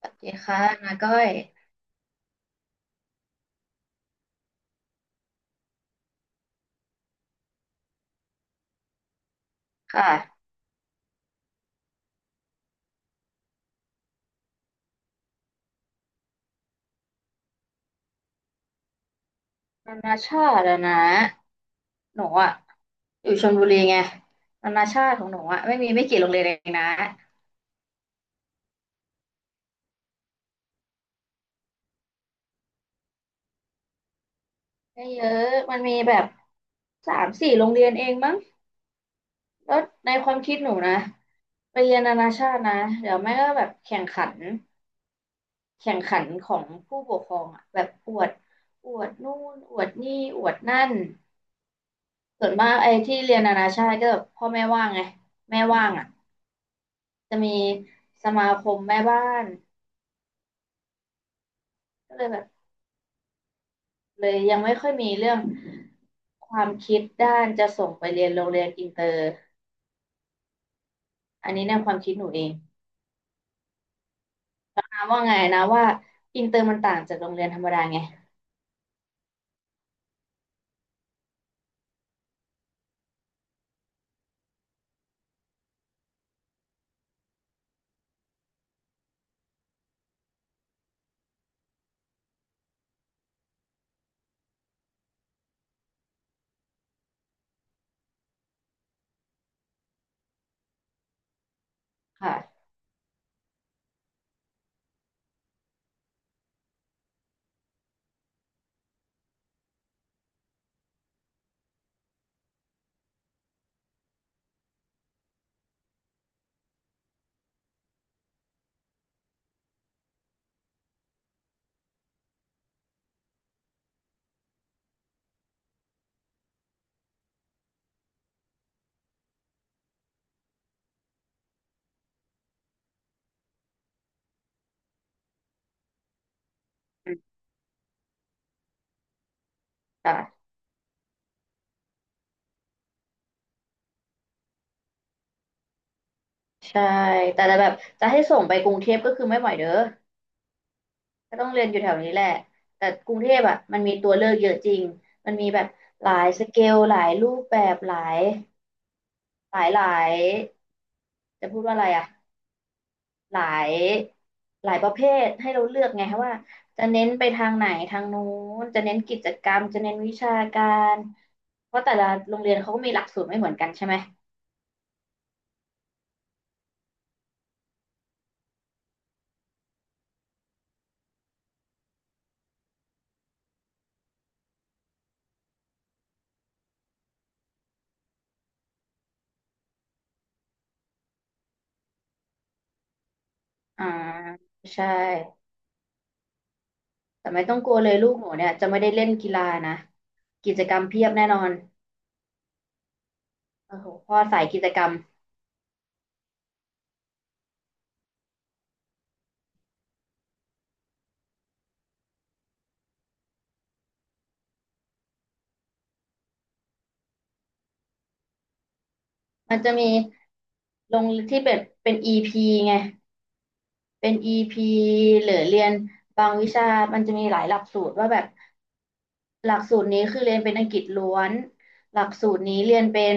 สวัสดีค่ะนาก้อยค่ะนานาชาติอะนะหนูอะอยู่ชลบุรีไงนานาชาติของหนูอะไม่มีไม่กี่โรงเรียนเองนะไม่เยอะมันมีแบบสามสี่โรงเรียนเองมั้งแล้วในความคิดหนูนะไปเรียนนานาชาตินะเดี๋ยวแม่ก็แบบแข่งขันแข่งขันของผู้ปกครองอะแบบอวดอวดนู่นอวดนี่อวดนั่นส่วนมากไอ้ที่เรียนนานาชาติก็แบบพ่อแม่ว่างไงแม่ว่างอะ จะมีสมาคมแม่บ้านก็เลยแบบเลยยังไม่ค่อยมีเรื่องความคิดด้านจะส่งไปเรียนโรงเรียนอินเตอร์อันนี้ในความคิดหนูเองนาว่าไงนะว่าอินเตอร์มันต่างจากโรงเรียนธรรมดาไงค่ะอืมค่ะใช่แต่แบบจะให้ส่งไปกรุงเทพก็คือไม่ไหวเด้อก็ต้องเรียนอยู่แถวนี้แหละแต่กรุงเทพอ่ะมันมีตัวเลือกเยอะจริงมันมีแบบหลายสเกลหลายรูปแบบหลายจะพูดว่าอะไรอ่ะ หลายหลายประเภทให้เราเลือกไงคะว่าจะเน้นไปทางไหนทางนู้นจะเน้นกิจกรรมจะเน้นวิชาการเพราะแต่ละโรงเรียนเขาก็มีหลักสูตรไม่เหมือนกันใช่ไหมอ่าใช่แต่ไม่ต้องกลัวเลยลูกหนูเนี่ยจะไม่ได้เล่นกีฬานะกิจกรรมเพียบแน่นอนโอ้โหพ่อสายกิจกรรมมันจะมีลงที่เป็น EP ไงเป็น EP หรือเรียนบางวิชามันจะมีหลายหลักสูตรว่าแบบ หลักสูตรนี้คือเรียนเป็นอังกฤษล้วนหลักสูตรนี้เรียนเป็น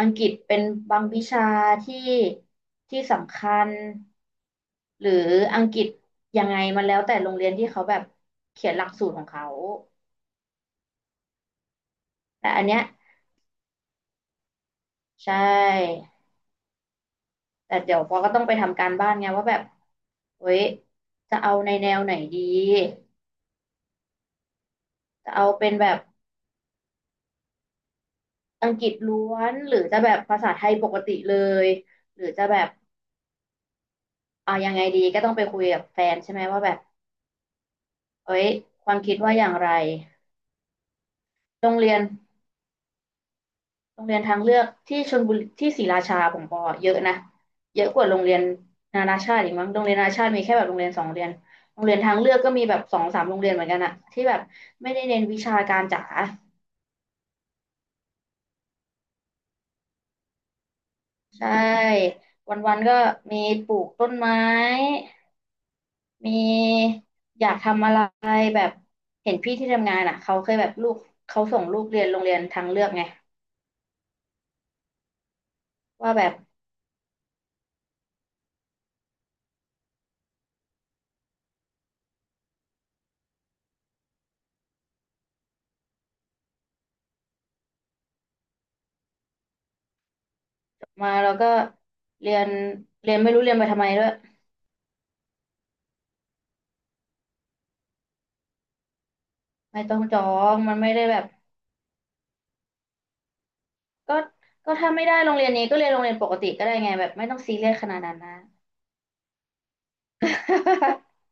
อังกฤษเป็นบางวิชาที่ที่สำคัญหรืออังกฤษยังไงมันแล้วแต่โรงเรียนที่เขาแบบเขียนหลักสูตรของเขาแต่อันเนี้ยใช่แต่เดี๋ยวปอก็ต้องไปทำการบ้านไงว่าแบบเฮ้ยจะเอาในแนวไหนดีจะเอาเป็นแบบอังกฤษล้วนหรือจะแบบภาษาไทยปกติเลยหรือจะแบบ เอายังไงดีก็ต้องไปคุยกับแฟนใช่ไหมว่าแบบเอ้ยความคิดว่าอย่างไรโรงเรียนโรงเรียนทางเลือกที่ชลบุรีที่ศรีราชาผมบอกเยอะนะเยอะกว่าโรงเรียนนานาชาติอีกมั้งโรงเรียนนานาชาติมีแค่แบบโรงเรียนสองโรงเรียนโรงเรียนทางเลือกก็มีแบบสองสามโรงเรียนเหมือนกันอะที่แบบไม่ได้เน้นวิชาการจ๋าใช่วันๆก็มีปลูกต้นไม้มีอยากทำอะไรแบบเห็นพี่ที่ทำงานอะเขาเคยแบบลูกเขาส่งลูกเรียนโรงเรียนทางเลือกไง ว่าแบบมาเราก็เรียนเรียนไม่รู้เรียนไปทำไมด้วยไม่ต้องจองมันไม่ได้แบบก็ถ้าไม่ได้โรงเรียนนี้ก็เรียนโรงเรียนปกติก็ได้ไงแบบไม่ต้องซีเรียสขนาดนั้นนะ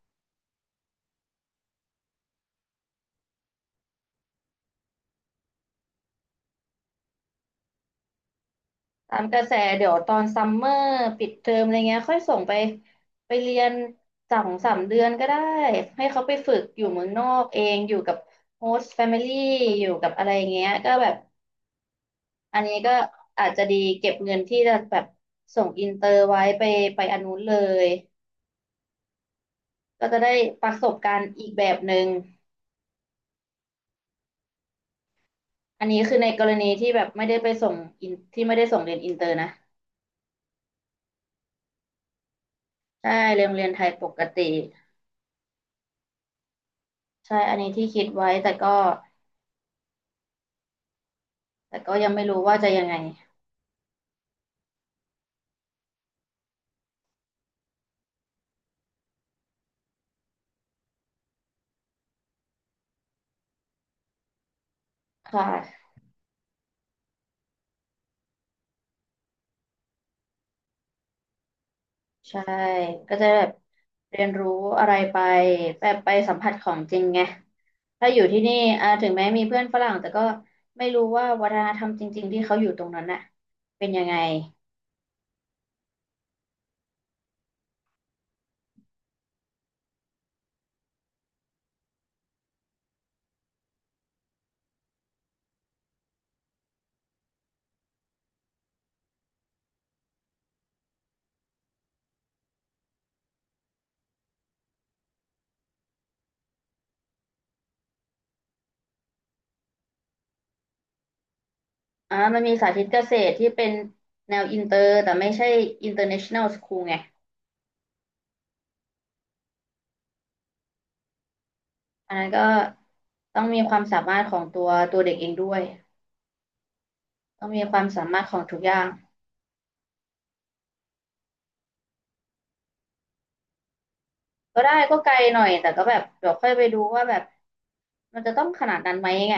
ตามกระแสเดี๋ยวตอนซัมเมอร์ปิดเทอมอะไรเงี้ยค่อยส่งไปเรียนสองสามเดือนก็ได้ให้เขาไปฝึกอยู่เมืองนอกเองอยู่กับโฮสต์แฟมิลี่อยู่กับอะไรเงี้ยก็แบบอันนี้ก็อาจจะดีเก็บเงินที่จะแบบส่งอินเตอร์ไว้ไปอันนู้นเลย ก็จะได้ประสบการณ์อีกแบบหนึ่งอันนี้คือในกรณีที่แบบไม่ได้ไปส่งอินที่ไม่ได้ส่งเรียนอินเตอร์นะใช่เรียนไทยปกติใช่อันนี้ที่คิดไว้แต่ก็แต่ก็ยังไม่รู้ว่าจะยังไงค่ะใช่ก็จะแบบเรียนรู้อะไรไปแบบไปสัมผัสของจริงไงถ้าอยู่ที่นี่อ่าถึงแม้มีเพื่อนฝรั่งแต่ก็ไม่รู้ว่าวัฒนธรรมจริงๆที่เขาอยู่ตรงนั้นน่ะเป็นยังไง อ่ามันมีสาธิตเกษตรที่เป็นแนวอินเตอร์แต่ไม่ใช่ international school ไงอันนั้นก็ต้องมีความสามารถของตัวเด็กเองด้วยต้องมีความสามารถของทุกอย่างก็ได้ก็ไกลหน่อยแต่ก็แบบเดี๋ยวค่อยไปดูว่าแบบมันจะต้องขนาดนั้นไหมไง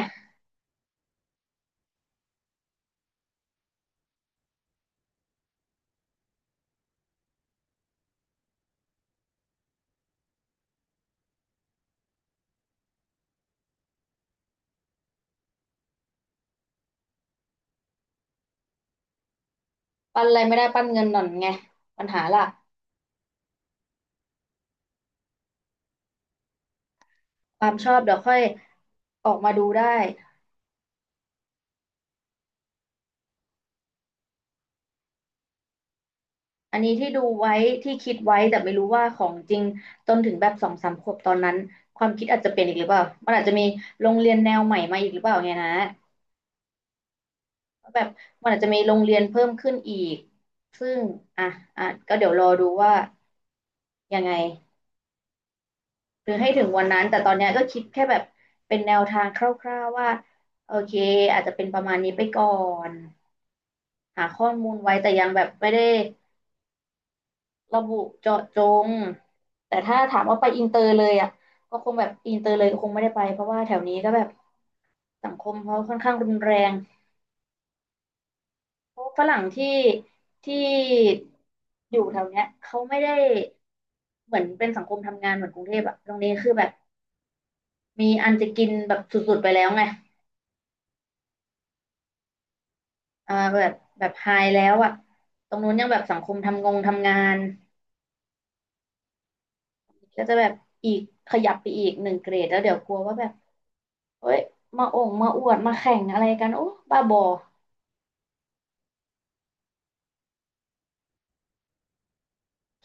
ปั้นอะไรไม่ได้ปั้นเงินหน่อนไงปัญหาล่ะความชอบเดี๋ยวค่อยออกมาดูได้ อันนี้ที่ดูไว้ที่คิดไว้แต่ไม่รู้ว่าของจริงจนถึงแบบสองสามขวบตอนนั้นความคิดอาจจะเปลี่ยนอีกหรือเปล่ามันอาจจะมีโรงเรียนแนวใหม่มาอีกหรือเปล่าไงนะแบบมันอาจจะมีโรงเรียนเพิ่มขึ้นอีกซึ่งอ่ะอ่ะก็เดี๋ยวรอดูว่ายังไงหรือให้ถึงวันนั้นแต่ตอนเนี้ยก็คิดแค่แบบเป็นแนวทางคร่าวๆว่าโอเคอาจจะเป็นประมาณนี้ไปก่อนหาข้อมูลไว้แต่ยังแบบไม่ได้ ระบุเจาะจงแต่ถ้าถามว่าไปอินเตอร์เลยอ่ะก็คงแบบอินเตอร์เลยก็คงไม่ได้ไปเพราะว่าแถวนี้ก็แบบสังคมเขาค่อนข้างรุนแรงเพราะฝรั่งที่ที่อยู่แถวเนี้ยเขาไม่ได้เหมือนเป็นสังคมทำงานเหมือนกรุงเทพอะตรงนี้คือแบบมีอันจะกินแบบสุดๆไปแล้วไงอ่าแบบแบบไฮแล้วอะตรงนู้นยังแบบสังคมทำงานก็จะแบบอีกขยับไปอีกหนึ่งเกรดแล้วเดี๋ยวกลัวว่าแบบ เฮ้ยมาโอ่งมาอวดมาแข่งอะไรกันโอ้บ้าบอ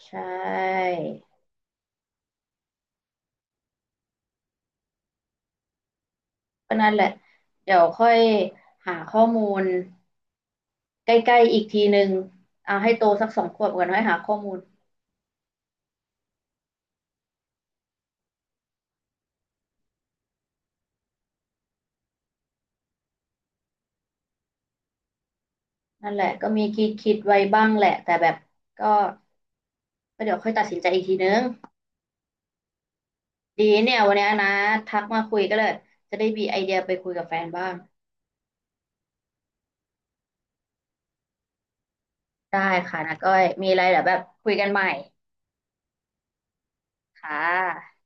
ใช่ก็นั่นแหละเดี๋ยวค่อยหาข้อมูลใกล้ๆอีกทีหนึ่งเอาให้โตสักสองขวบก่อนค่อยหาข้อมูลนั่นแหละก็มีคิดไว้บ้างแหละแต่แบบก็เดี๋ยวค่อยตัดสินใจอีกทีนึงดีเนี่ยวันนี้นะทักมาคุยก็เลยจะได้มีไอเดียไปคุยกับแฟนบ้างได้ค่ะนะก้อยมีอะไรเดี๋ยวแบบคุยกันใหม่ค่ะ